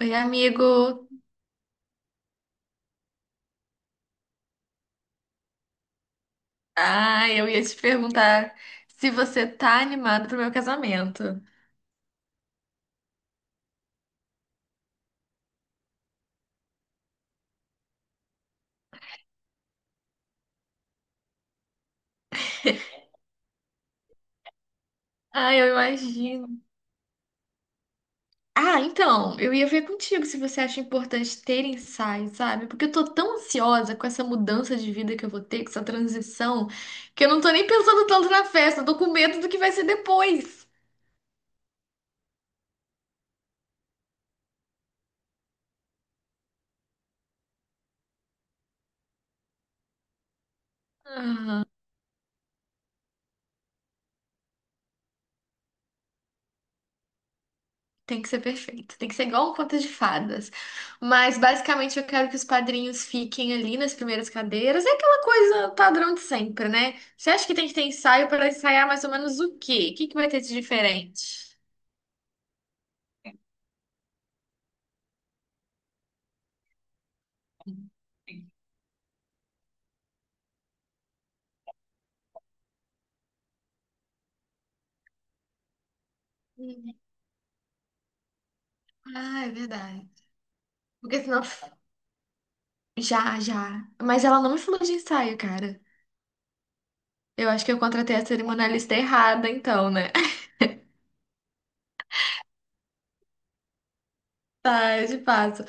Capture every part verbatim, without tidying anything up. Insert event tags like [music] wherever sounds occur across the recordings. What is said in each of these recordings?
Oi, amigo. Ah, eu ia te perguntar se você tá animado pro meu casamento. [laughs] Ah, eu imagino. Ah, então, eu ia ver contigo se você acha importante ter ensaios, sabe? Porque eu tô tão ansiosa com essa mudança de vida que eu vou ter, com essa transição, que eu não tô nem pensando tanto na festa, eu tô com medo do que vai ser depois. Tem que ser perfeito. Tem que ser igual um conto de fadas. Mas basicamente eu quero que os padrinhos fiquem ali nas primeiras cadeiras. É aquela coisa padrão de sempre, né? Você acha que tem que ter ensaio para ensaiar mais ou menos o quê? O que que vai ter de diferente? Hum. Ah, é verdade. Porque senão. Já, já. Mas ela não me falou de ensaio, cara. Eu acho que eu contratei a cerimonialista errada, então, né? [laughs] Tá, eu te passo.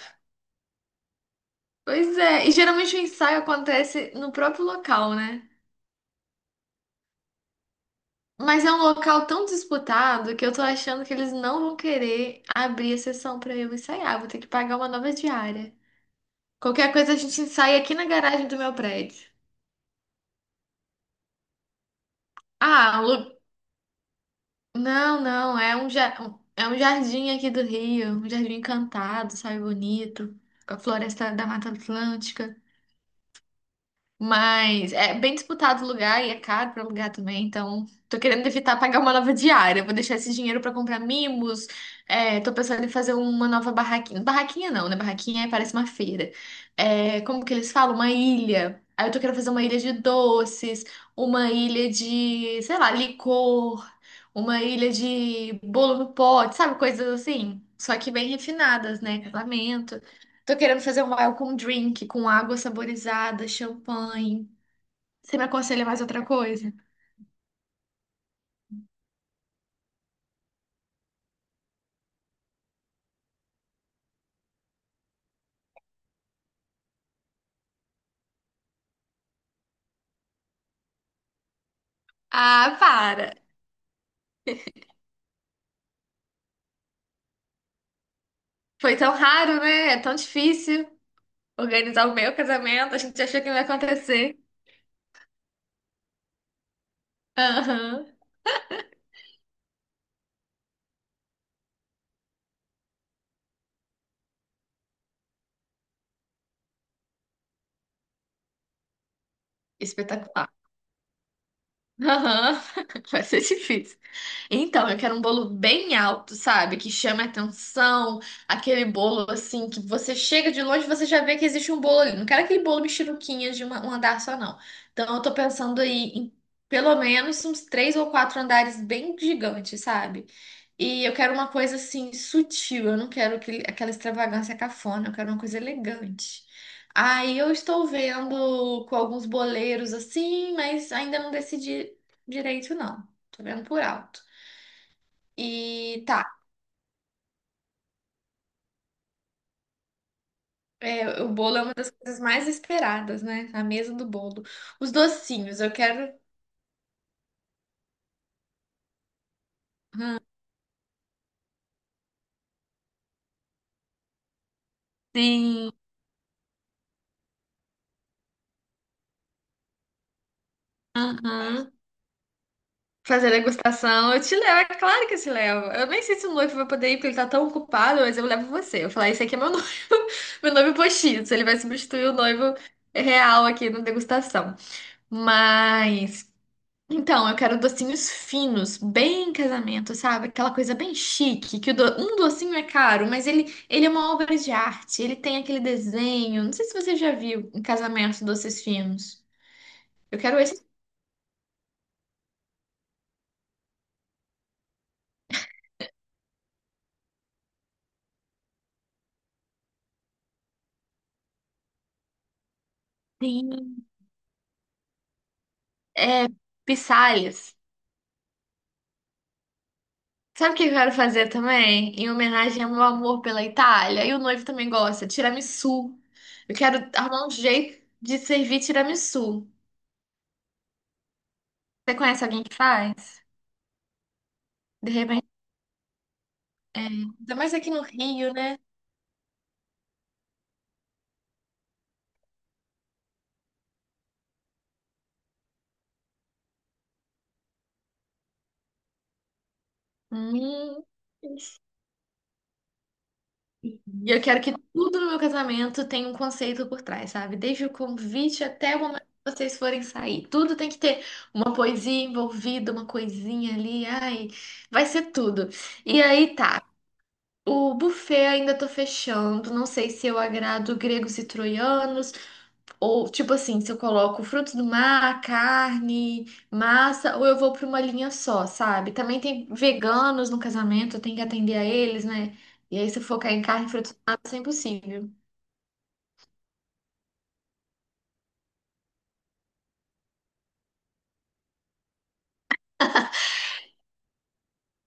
Pois é. E geralmente o ensaio acontece no próprio local, né? Mas é um local tão disputado que eu tô achando que eles não vão querer abrir a sessão pra eu ensaiar. Vou ter que pagar uma nova diária. Qualquer coisa a gente ensaia aqui na garagem do meu prédio. Ah, Lu... não, não, é um, ja- é um jardim aqui do Rio, um jardim encantado, sabe, bonito, com a floresta da Mata Atlântica. Mas é bem disputado o lugar e é caro para alugar também, então tô querendo evitar pagar uma nova diária. Vou deixar esse dinheiro para comprar mimos. É, tô pensando em fazer uma nova barraquinha. Barraquinha não, né? Barraquinha é- parece uma feira. É, como que eles falam? Uma ilha. Aí eu tô querendo fazer uma ilha de doces, uma ilha de, sei lá, licor, uma ilha de bolo no pote, sabe? Coisas assim. Só que bem refinadas, né? Casamento. Tô querendo fazer um welcome drink com água saborizada, champanhe. Você me aconselha mais outra coisa? Ah, para! Foi tão raro, né? É tão difícil organizar o meu casamento. A gente achou que não ia acontecer. Aham. Espetacular. Aham. [laughs] Vai ser difícil. Então, eu quero um bolo bem alto, sabe? Que chame a atenção. Aquele bolo assim que você chega de longe e você já vê que existe um bolo ali. Não quero aquele bolo mexeruquinha de uma- um andar só, não. Então, eu tô pensando aí em pelo menos uns três ou quatro andares bem gigantes, sabe? E eu quero uma coisa assim sutil. Eu não quero aquele- aquela extravagância cafona. Eu quero uma coisa elegante. Aí eu estou vendo com alguns boleiros assim, mas ainda não decidi direito não, tô vendo por alto. E tá, é, o bolo é uma das coisas mais esperadas, né? A mesa do bolo. Os docinhos, eu quero. Sim. Uhum. Fazer degustação. Eu te levo, é claro que eu te levo. Eu nem sei se o noivo vai poder ir, porque ele tá tão ocupado, mas eu levo você. Eu falar, esse aqui é meu noivo, [laughs] meu noivo postiço. Ele vai substituir o noivo real aqui na degustação. Mas. Então, eu quero docinhos finos, bem casamento, sabe? Aquela coisa bem chique, que o do- um docinho é caro, mas ele, ele é uma obra de arte, ele tem aquele desenho. Não sei se você já viu em casamento doces finos. Eu quero esse. Sim. É, pissalhas. Sabe o que eu quero fazer também? Em homenagem ao meu amor pela Itália, e o noivo também gosta, tiramisu. Eu quero arrumar um jeito de servir tiramisu. Você conhece alguém que faz? De repente, é... ainda mais aqui no Rio, né? Hum. E eu quero que tudo no meu casamento tenha um conceito por trás, sabe? Desde o convite até o momento que vocês forem sair. Tudo tem que ter uma poesia envolvida, uma coisinha ali. Ai, vai ser tudo. E aí tá. O buffet ainda tô fechando. Não sei se eu agrado gregos e troianos. Ou, tipo assim, se eu coloco frutos do mar, carne, massa, ou eu vou pra uma linha só, sabe? Também tem veganos no casamento, eu tenho que atender a eles, né? E aí, se eu focar em carne e frutos do mar, isso é impossível.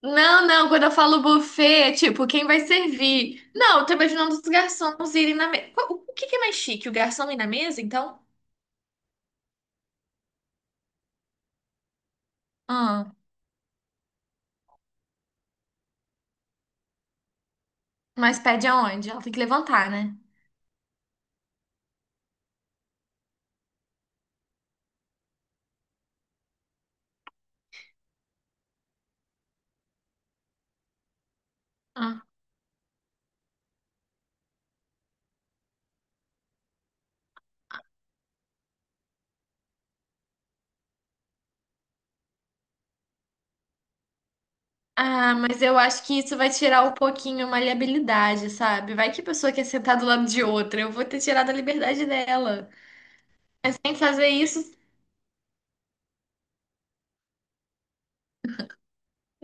Não, não, quando eu falo buffet, é tipo, quem vai servir? Não, eu tô imaginando os garçons irem na mesa. O o que que é mais chique? O garçom ir na mesa, então? Ah, mas pede aonde? Ela tem que levantar, né? Ah, mas eu acho que isso vai tirar um pouquinho a maleabilidade, sabe? Vai que a pessoa quer sentar do lado de outra, eu vou ter tirado a liberdade dela. Mas sem fazer isso,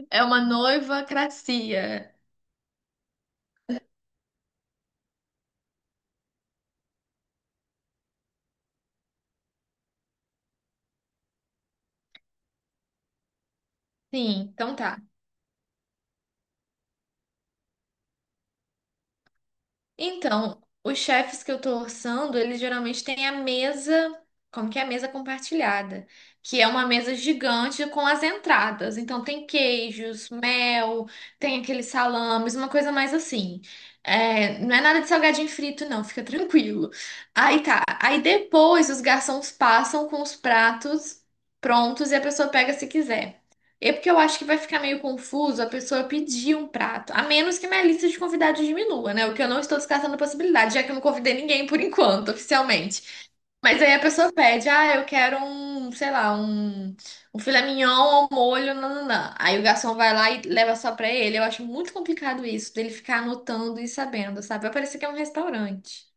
é uma noivacracia. Sim, então tá. Então, os chefes que eu tô orçando, eles geralmente têm a mesa, como que é a mesa compartilhada, que é uma mesa gigante com as entradas. Então tem queijos, mel, tem aqueles salames, uma coisa mais assim. É, não é nada de salgadinho frito, não, fica [laughs] tranquilo. Aí tá. Aí depois os garçons passam com os pratos prontos e a pessoa pega se quiser. É porque eu acho que vai ficar meio confuso a pessoa pedir um prato, a menos que minha lista de convidados diminua, né? O que eu não estou descartando a possibilidade, já que eu não convidei ninguém por enquanto, oficialmente. Mas aí a pessoa pede, ah, eu quero um, sei lá, um, um filé mignon ao molho, nananã. Aí o garçom vai lá e leva só pra ele. Eu acho muito complicado isso, dele ficar anotando e sabendo, sabe? Vai parecer que é um restaurante.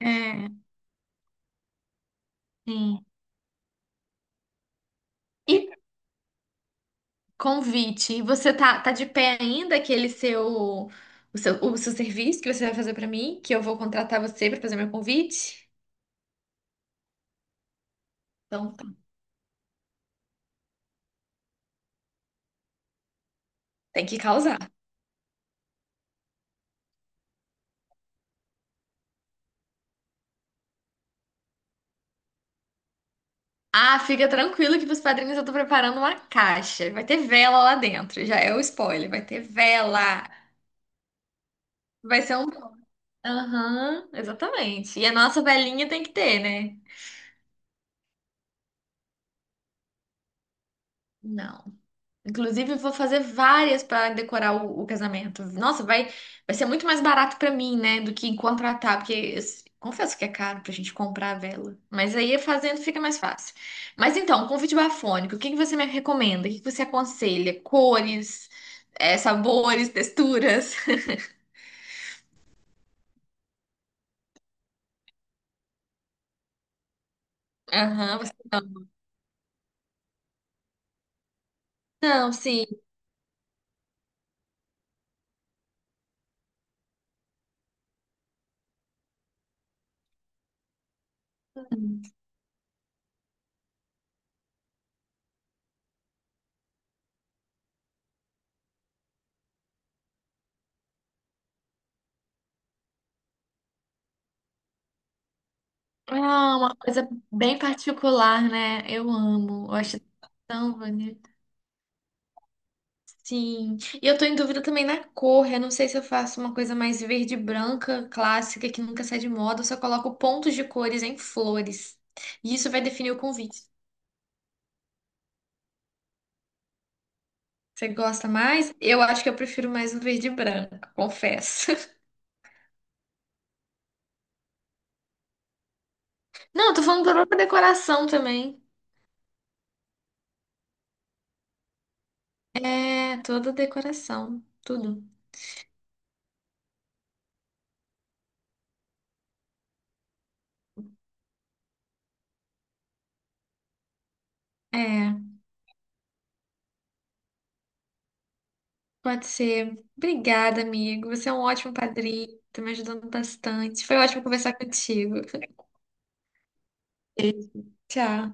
É, sim. E convite. E você tá, tá de pé ainda aquele seu o seu, o seu serviço que você vai fazer pra mim, que eu vou contratar você pra fazer meu convite? Então, tá. Tem que causar. Ah, fica tranquilo que pros padrinhos eu tô preparando uma caixa. Vai ter vela lá dentro. Já é o spoiler. Vai ter vela. Vai ser um. Aham, exatamente. E a nossa velinha tem que ter, né? Não. Inclusive, eu vou fazer várias para decorar o, o casamento. Nossa, vai, vai ser muito mais barato para mim, né, do que contratar, porque eu s- confesso que é caro pra gente comprar a vela. Mas aí fazendo fica mais fácil. Mas então, um convite bafônico, o que que você me recomenda? O que que você aconselha? Cores, eh, sabores, texturas? [laughs] Aham, você não. Não, sim. É uma coisa bem particular, né? Eu amo. Eu acho tão bonito. Sim, e eu tô em dúvida também na cor. Eu não sei se eu faço uma coisa mais verde e branca, clássica, que nunca sai de moda, ou se eu coloco pontos de cores em flores. E isso vai definir o convite. Você gosta mais? Eu acho que eu prefiro mais o verde e branco, confesso. [laughs] Não, eu tô falando da própria decoração também. É, toda decoração, tudo. É, pode ser. Obrigada, amigo. Você é um ótimo padrinho, tá me ajudando bastante. Foi ótimo conversar contigo. [laughs] Beijo, tchau.